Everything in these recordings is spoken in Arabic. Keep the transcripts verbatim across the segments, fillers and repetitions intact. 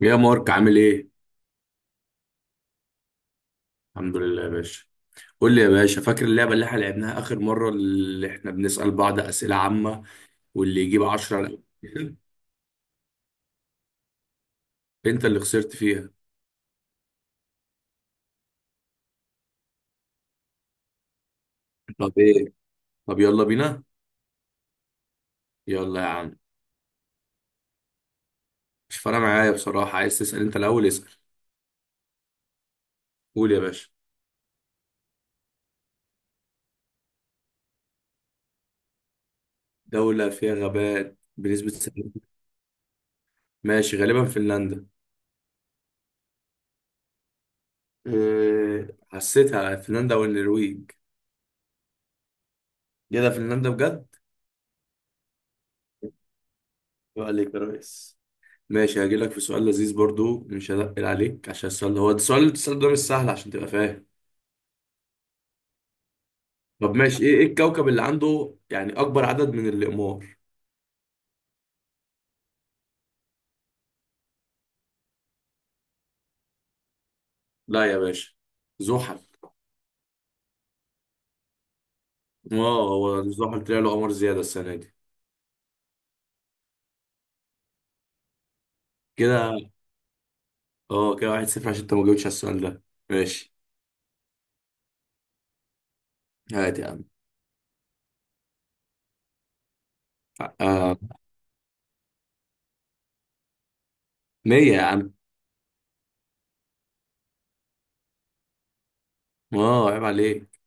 يا مارك عامل ايه؟ الحمد لله يا باشا. قول لي يا باشا، فاكر اللعبة اللي احنا لعبناها آخر مرة، اللي احنا بنسأل بعض أسئلة عامة واللي يجيب عشرة؟ انت اللي خسرت فيها. طب ايه؟ طب يلا بينا. يلا يا عم. مش فارقة معايا بصراحة، عايز تسأل انت الأول اسأل. قول يا باشا. دولة فيها غابات بنسبة سبعين؟ ماشي، غالبا فنلندا. إيه، حسيتها فنلندا والنرويج. ايه ده، فنلندا بجد؟ يبقى عليك يا ريس. ماشي، هجيلك في سؤال لذيذ برضو، مش هنقل عليك. عشان السؤال ده هو السؤال، السؤال ده مش سهل عشان تبقى فاهم. طب ماشي، ايه ايه الكوكب اللي عنده يعني اكبر عدد من الاقمار؟ لا يا باشا، زحل. اه، هو زحل طلع له قمر زيادة السنة دي. كده. اه، كده واحد صفر، عشان انت ما جاوبتش على السؤال ده. ماشي. هات يا عم. آه، مية يا عم. اه عيب عليك.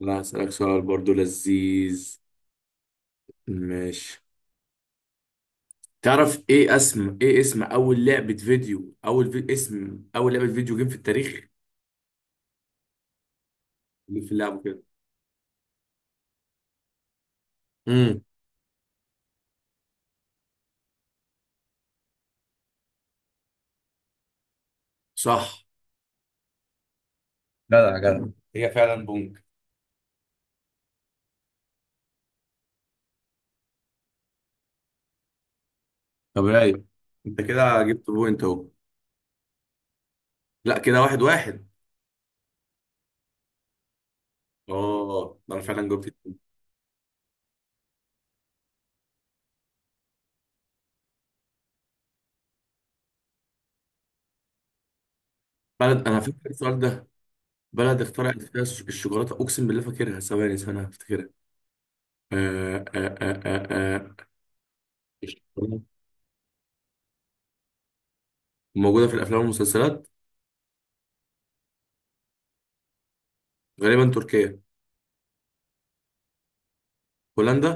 لا هسألك سؤال برضو لذيذ. ماشي. تعرف ايه اسم ايه اسم اول لعبة فيديو اول في... اسم اول لعبة فيديو جيم في التاريخ؟ اللي في اللعب كده. امم. صح. جدع جدع، هي فعلا بونج. طب رايق، انت كده جبت بوينت اهو. لا، كده واحد واحد. اه، ده انا فعلا جبت الاتنين. بلد، انا فاكر السؤال ده. بلد اخترعت فيها الش- الشوكولاته، اقسم بالله فاكرها، ثواني، ثانيه هفتكرها. آه آه آه آه آه. الشوكولاتة موجوده في الافلام والمسلسلات. غالبا تركيا. هولندا.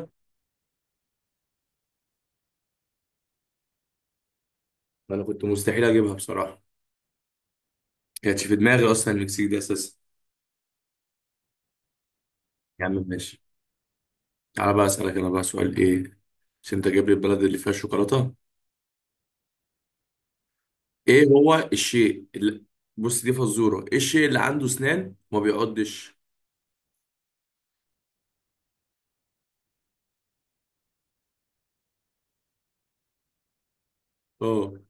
انا كنت مستحيل اجيبها بصراحه، كانتش في دماغي اصلا المكسيك دي اساسا. يا عم ماشي. تعالى بقى اسالك انا بقى سؤال ايه، عشان انت جايب لي البلد اللي فيها الشوكولاته. ايه هو الشيء اللي، بص دي فزوره، ايه الشيء اللي عنده اسنان وما بيعضش؟ اه،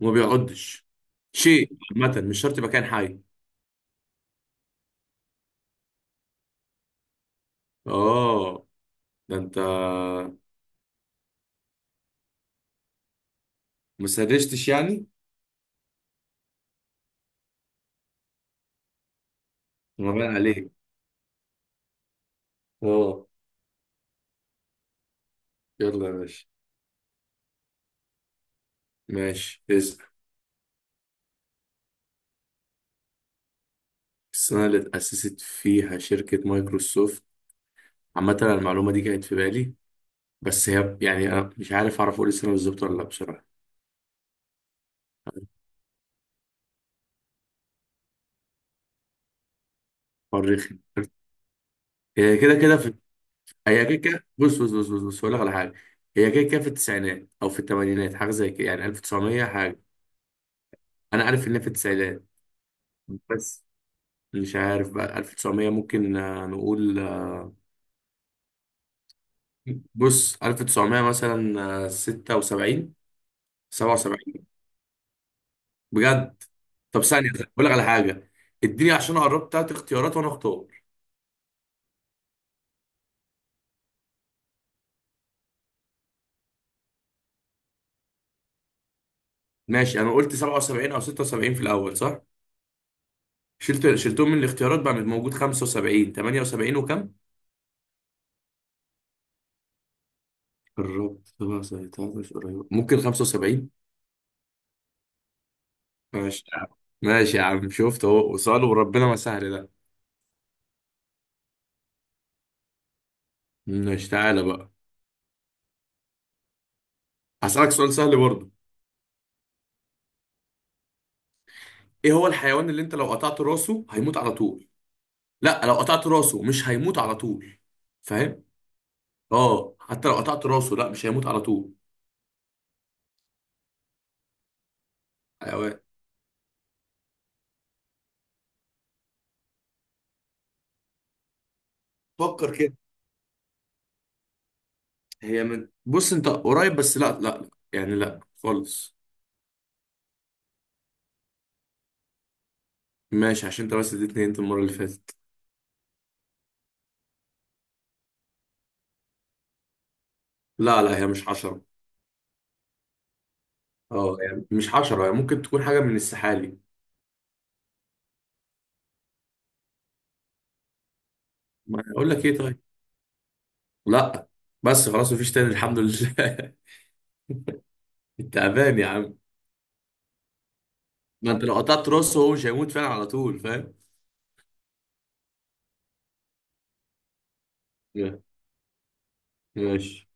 وما بيعضش. شيء عامه، مش شرط يبقى كائن حي. اه. ده انت. ما سرشتش يعني. ما باين عليك. اه. يلا يا باشا. ماشي اسأل. السنة اللي اتأسست فيها شركة مايكروسوفت. عامة أنا المعلومة دي كانت في بالي، بس هي يعني أنا مش عارف أعرف أقول السنة بالظبط ولا لأ بصراحة. فرخي. هي كده كده في. هي كده كده، بص بص بص بص بص هقول لك على حاجه. هي كده كده في التسعينات او في الثمانينات، حاجه زي كده يعني ألف وتسعمية حاجه. انا عارف ان هي في التسعينات. بس مش عارف بقى، ألف وتسعمية ممكن آه، نقول. آه، بص ألف وتسعمية مثلا. آه، ستة وسبعين. سبعة وسبعين بجد؟ طب ثانيه بقول لك على حاجه. اديني، عشان قربت تلات اختيارات وانا اختار. ماشي. انا قلت سبعة وسبعين او ستة وسبعين في الاول صح؟ شلت شلتهم من الاختيارات. بقى موجود خمسة وسبعين، ثمانية وسبعين وكم؟ قربت سبعة سنتين، قريب، ممكن خمسة وسبعين. ماشي يا عم، ماشي يا عم، شفت اهو سؤال وربنا ما سهل ده. ماشي. تعالى بقى. هسألك سؤال سهل برضه. ايه هو الحيوان اللي انت لو قطعت راسه هيموت على طول؟ لا، لو قطعت راسه مش هيموت على طول، فاهم؟ اه حتى لو قطعت راسه لا، مش هيموت على طول. حيوان. فكر كده. هي من، بص انت قريب بس لا لا لا، يعني لا خالص. ماشي، عشان انت بس اديتني انت المرة اللي فاتت. لا لا، هي مش حشرة. اه يعني مش حشرة، يعني ممكن تكون حاجة من السحالي. ما اقول لك ايه طيب؟ لا. بس خلاص مفيش تاني، الحمد لله. انت امان يا عم. ما انت لو قطعت راسه هو مش هيموت فعلا على طول، فاهم. يا- ماشي.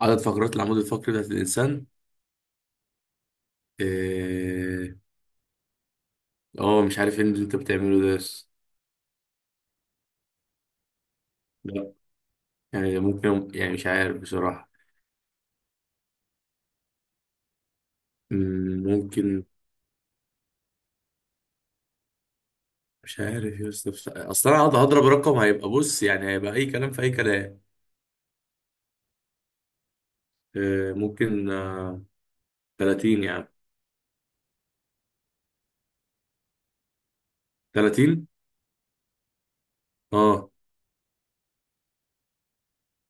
عدد فقرات العمود الفقري بتاعت الانسان. إيه، اه مش عارف ايه اللي انت بتعمله ده بس. لا. يعني ممكن، يعني مش عارف بصراحة. مم، ممكن. مش عارف يا اسطى، بس- اصل انا هقعد هضرب رقم هيبقى، بص يعني هيبقى اي كلام في اي كلام. إيه، ممكن آه، تلاتين يعني. تلاتين. اه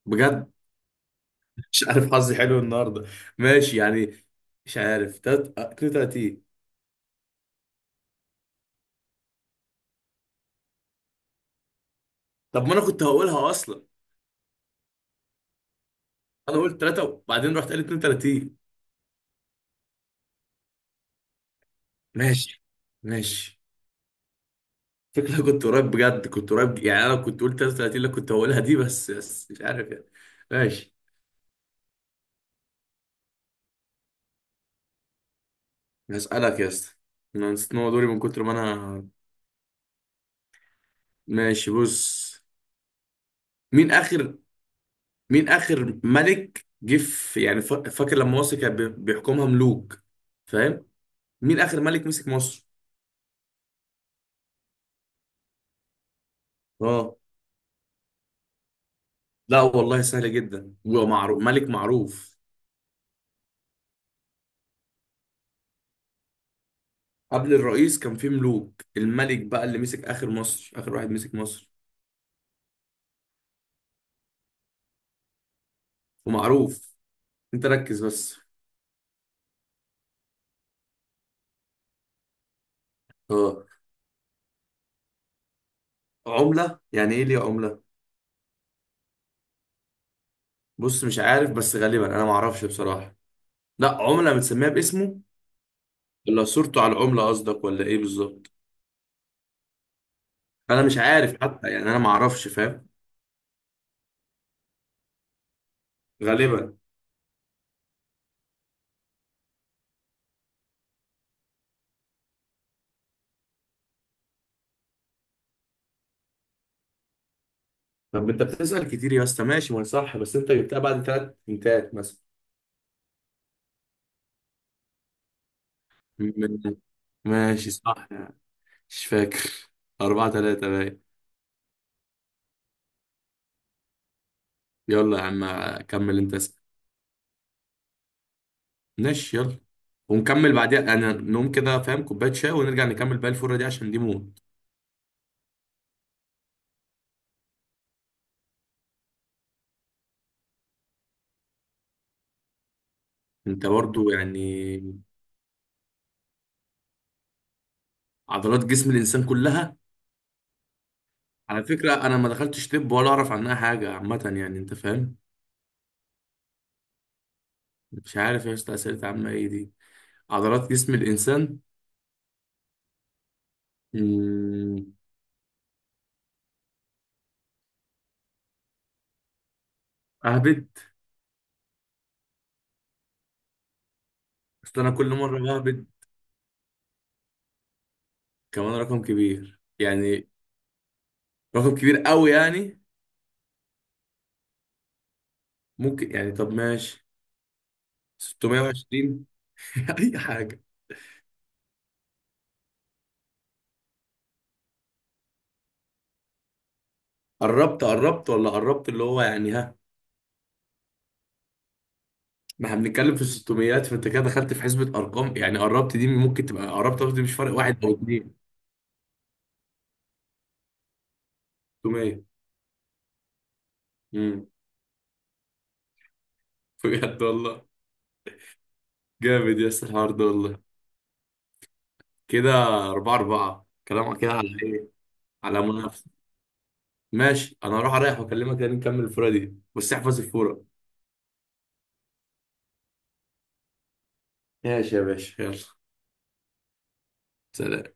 بجد؟ مش عارف، حظي حلو النهارده. ماشي يعني. مش عارف تلات- آه، اتنين وتلاتين. طب ما انا كنت هقولها اصلا. انا قلت تلاتة وبعدين رحت قال اتنين وتلاتين. ماشي. ماشي. فكرة كنت قريب بجد، كنت قريب يعني، انا كنت قلت ثلاثة وثلاثين اللي كنت هقولها دي، بس بس مش عارف يعني. ماشي. هسألك يا اسطى. انا نسيت ان هو دوري من كتر ما انا. ماشي، بص. مين اخر مين اخر ملك جه في- يعني فا- فاكر لما مصر كان بي- بيحكمها ملوك، فاهم؟ مين اخر ملك مسك مصر. اه. لا والله سهلة جدا ومعروف، ملك معروف. قبل الرئيس كان في ملوك، الملك بقى اللي مسك آخر مصر، آخر واحد مسك مصر. ومعروف. انت ركز بس. اه. عملة يعني ايه ليه عملة؟ بص مش عارف، بس غالبا انا ما اعرفش بصراحة. لا عملة متسميها باسمه. ولا صورته على العملة قصدك ولا ايه بالظبط؟ انا مش عارف حتى يعني، انا ما اعرفش، فاهم. غالبا. طب انت بتسأل كتير يا اسطى، ماشي ما أنا صح، بس انت جبتها بعد ثلاث بنتات مثلا. م- ماشي صح. مش فاكر. أربعة تلاتة باين. يلا يا عم، كمل أنت اسأل. ماشي يلا. ونكمل بعديها، أنا نقوم كده، فاهم، كوباية شاي ونرجع نكمل بقى الفرة دي، عشان دي موت. أنت برضو يعني. عضلات جسم الإنسان كلها. على فكرة أنا ما دخلتش طب ولا أعرف عنها حاجة، عامة يعني أنت فاهم. مش عارف يا أسطى، أسئلة عامة إيه دي؟ عضلات جسم الإنسان. مم، أهبد. أصل أنا كل مرة بهبد. كمان رقم كبير يعني؟ رقم كبير أوي يعني؟ ممكن يعني، طب ماشي، ستمائة وعشرين. اي حاجه. قربت قربت ولا قربت اللي هو يعني ها؟ ما احنا بنتكلم في ستمية، فانت كده دخلت في حسبه ارقام يعني، قربت دي ممكن تبقى قربت قصدي، مش فرق واحد او اتنين. ستمية. امم. بجد والله؟ جامد يا اسطى الحوار ده والله. كده أربعة أربعة كلام كده على ايه؟ على منافسه. ماشي، انا هروح اريح واكلمك تاني نكمل الفوره دي، بس احفظ الفوره. ماشي يا باشا يلا. سلام.